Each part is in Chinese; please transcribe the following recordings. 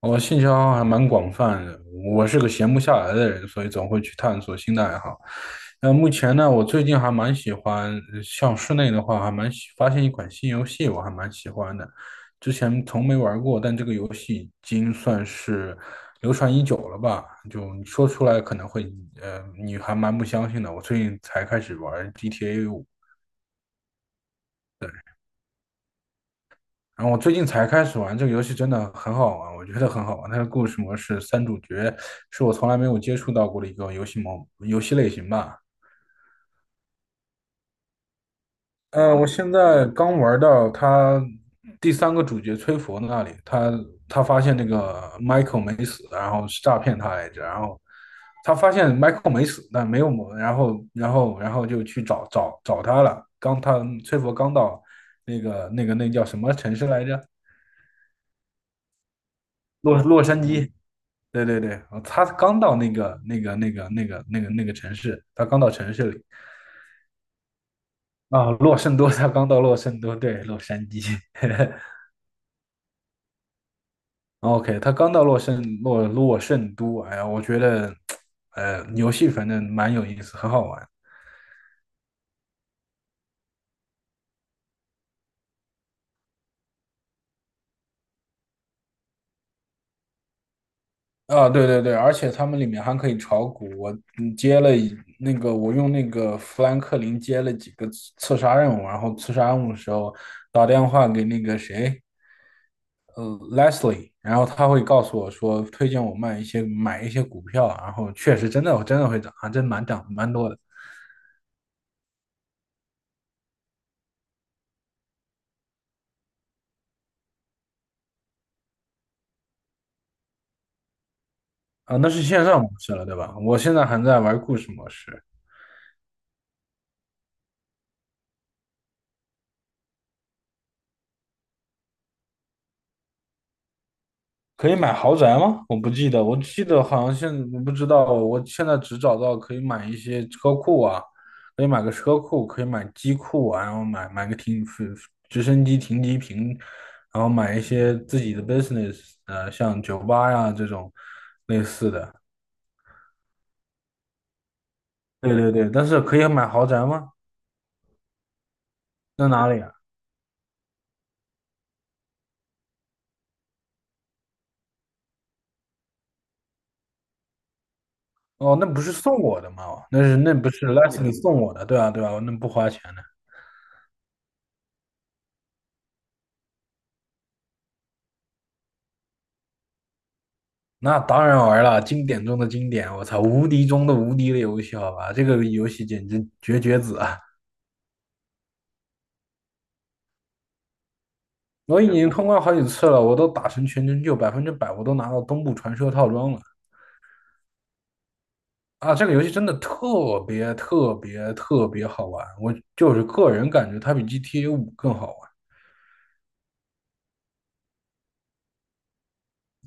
我兴趣爱好还蛮广泛的，我是个闲不下来的人，所以总会去探索新的爱好。那目前呢，我最近还蛮喜欢，像室内的话，还发现一款新游戏，我还蛮喜欢的。之前从没玩过，但这个游戏已经算是流传已久了吧？就你说出来可能会，你还蛮不相信的。我最近才开始玩 GTA 五。然后我最近才开始玩这个游戏，真的很好玩，我觉得很好玩。它的故事模式三主角是我从来没有接触到过的一个游戏类型吧。我现在刚玩到他第三个主角崔佛那里，他发现那个 Michael 没死，然后是诈骗他来着，然后他发现 Michael 没死，但没有谋，然后就去找他了。刚他崔佛刚到那叫什么城市来着？洛杉矶。对对对，他刚到那个城市，他刚到城市里啊，洛圣多，他刚到洛圣多，对，洛杉矶。 ，OK，他刚到洛圣都，哎呀，我觉得，游戏反正蛮有意思，很好玩啊。对对对，而且他们里面还可以炒股，我嗯接了一那个，我用那个富兰克林接了几个刺杀任务，然后刺杀任务的时候打电话给那个谁。呃 Leslie，然后他会告诉我说，推荐我卖一些买一些股票啊，然后确实真的真的会涨啊，还真蛮涨蛮多的啊。那是线上模式了，对吧？我现在还在玩故事模式，可以买豪宅吗？我不记得，我记得好像我不知道，我现在只找到可以买一些车库啊，可以买个车库，可以买机库啊，然后买个直升机停机坪，然后买一些自己的 business，像酒吧呀这种类似的。对对对，但是可以买豪宅吗？那哪里啊？哦，那不是送我的吗？哦，那不是 LESL 送我的，对啊对啊，那不花钱的。那当然玩了，经典中的经典，我操，无敌中的无敌的游戏，好吧，这个游戏简直绝绝子啊！我已经通关好几次了，我都打成全成就，100%我都拿到东部传说套装了啊！这个游戏真的特别特别特别好玩，我就是个人感觉它比 GTA 五更好玩。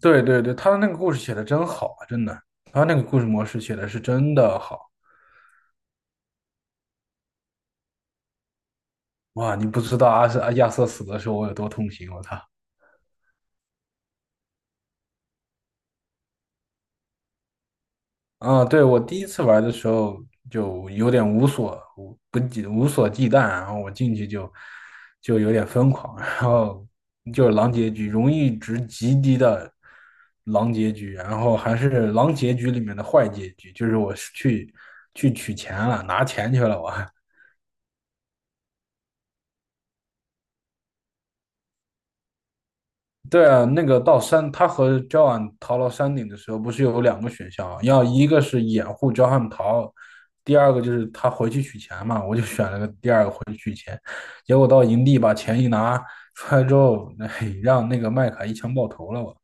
对对对，他的那个故事写的真好啊，真的，他那个故事模式写的是真的好。哇！你不知道亚瑟死的时候我有多痛心，我操！啊，对，我第一次玩的时候就有点无所忌惮，然后我进去就有点疯狂，然后就是狼结局，荣誉值极低的狼结局，然后还是狼结局里面的坏结局，就是我是去取钱了，拿钱去了我。对啊，那个到山，他和 Joan 逃到山顶的时候，不是有两个选项啊，要一个是掩护 Joan 逃，第二个就是他回去取钱嘛。我就选了个第二个回去取钱，结果到营地把钱一拿出来之后，嘿，让那个麦卡一枪爆头了我。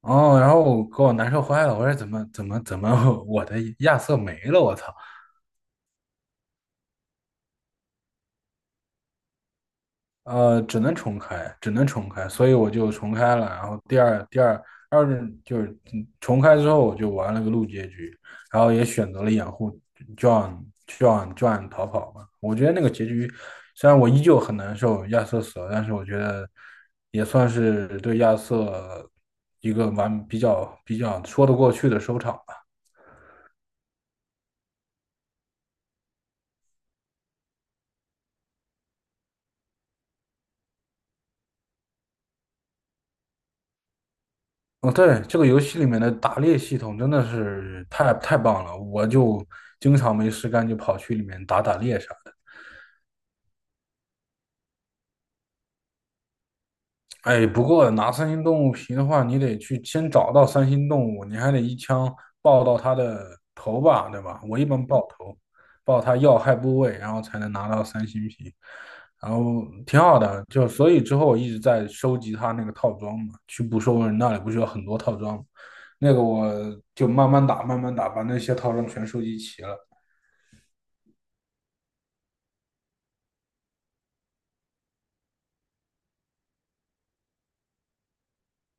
哦，然后我给我难受坏了，我说怎么 我的亚瑟没了，我操！只能重开，只能重开，所以我就重开了。然后第二任就是重开之后，我就玩了个路结局，然后也选择了掩护 John 逃跑嘛。我觉得那个结局虽然我依旧很难受亚瑟死了，但是我觉得也算是对亚瑟一个比较说得过去的收场吧。哦，对，这个游戏里面的打猎系统真的是太棒了，我就经常没事干就跑去里面打打猎啥的。哎，不过拿三星动物皮的话，你得去先找到三星动物，你还得一枪爆到它的头吧，对吧？我一般爆头，爆它要害部位，然后才能拿到三星皮，然后挺好的。就所以之后我一直在收集它那个套装嘛，去捕兽人那里不是有很多套装吗，那个我就慢慢打，慢慢打，把那些套装全收集齐了。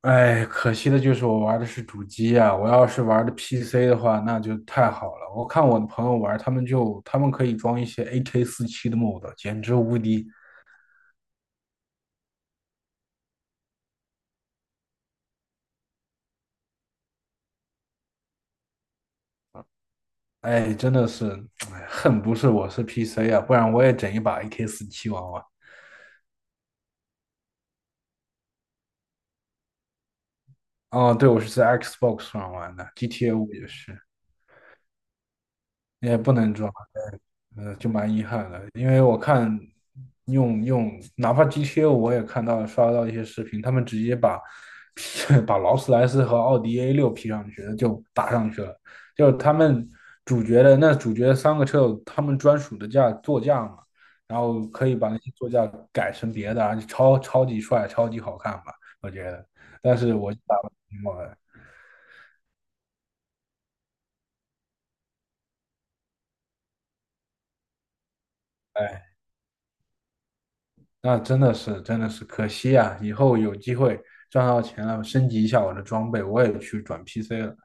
哎，可惜的就是我玩的是主机啊，我要是玩的 PC 的话，那就太好了。我看我的朋友玩，他们可以装一些 a k 四七的 mod，简直无敌。哎，真的是，哎，恨不是我是 PC 啊，不然我也整一把 a k 四七玩玩。哦，对，我是在 Xbox 上玩的，GTA 五也是，也不能装。就蛮遗憾的，因为我看用，哪怕 GTO 我也看到刷到一些视频，他们直接把 把劳斯莱斯和奥迪 A6 P 上去了，就打上去了，就是他们主角三个车有他们专属的座驾嘛，然后可以把那些座驾改成别的啊，超级帅，超级好看吧，我觉得，但是我就打不赢我。哎，那真的是真的是可惜啊！以后有机会赚到钱了，升级一下我的装备，我也去转 PC 了。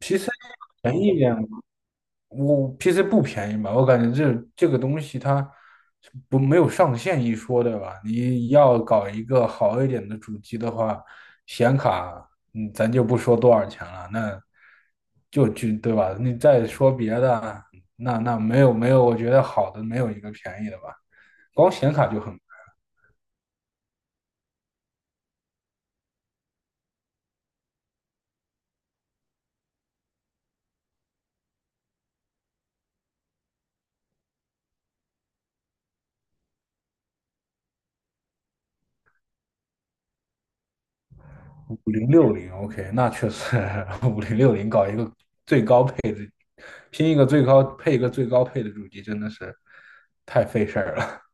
PC 便宜一点，我 PC 不便宜吧？我感觉这个东西它不，没有上限一说，对吧？你要搞一个好一点的主机的话，显卡，咱就不说多少钱了，那就对吧？你再说别的，那没有，没有，我觉得好的没有一个便宜的吧，光显卡就很五零六零。OK，那确实 五零六零搞一个最高配，一个最高配的主机真的是太费事儿了。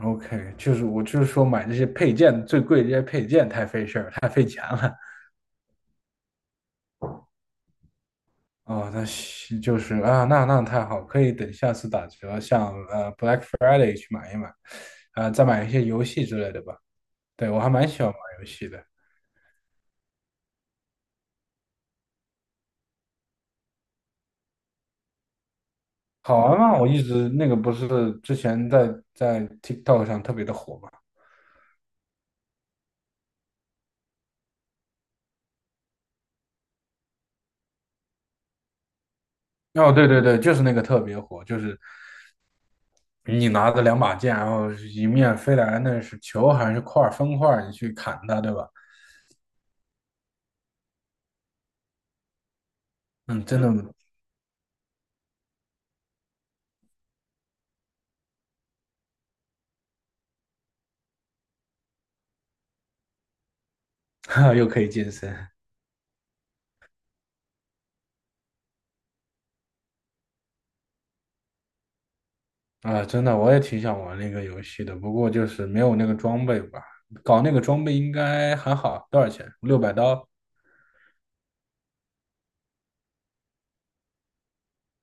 OK，就是我就是说买这些配件最贵，这些配件太费事儿，太费钱了。哦，那行就是啊，那太好，可以等下次打折，像Black Friday 去买一买，啊，再买一些游戏之类的吧。对，我还蛮喜欢玩游戏的，好玩吗？我一直那个不是之前在 TikTok 上特别的火嘛。哦，对对对，就是那个特别火，就是你拿着两把剑，然后一面飞来，那是球还是方块儿，你去砍它，对吧？嗯，真的，哈，又可以健身啊，真的，我也挺想玩那个游戏的，不过就是没有那个装备吧。搞那个装备应该还好，多少钱？600刀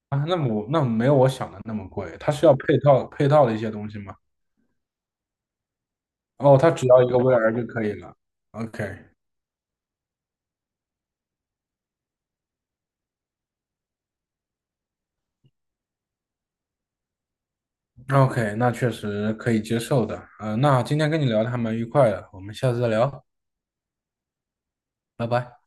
啊？那我那没有我想的那么贵，它是要配套的一些东西吗？哦，它只要一个 VR 就可以了。OK。OK，那确实可以接受的。那今天跟你聊的还蛮愉快的，我们下次再聊，拜拜。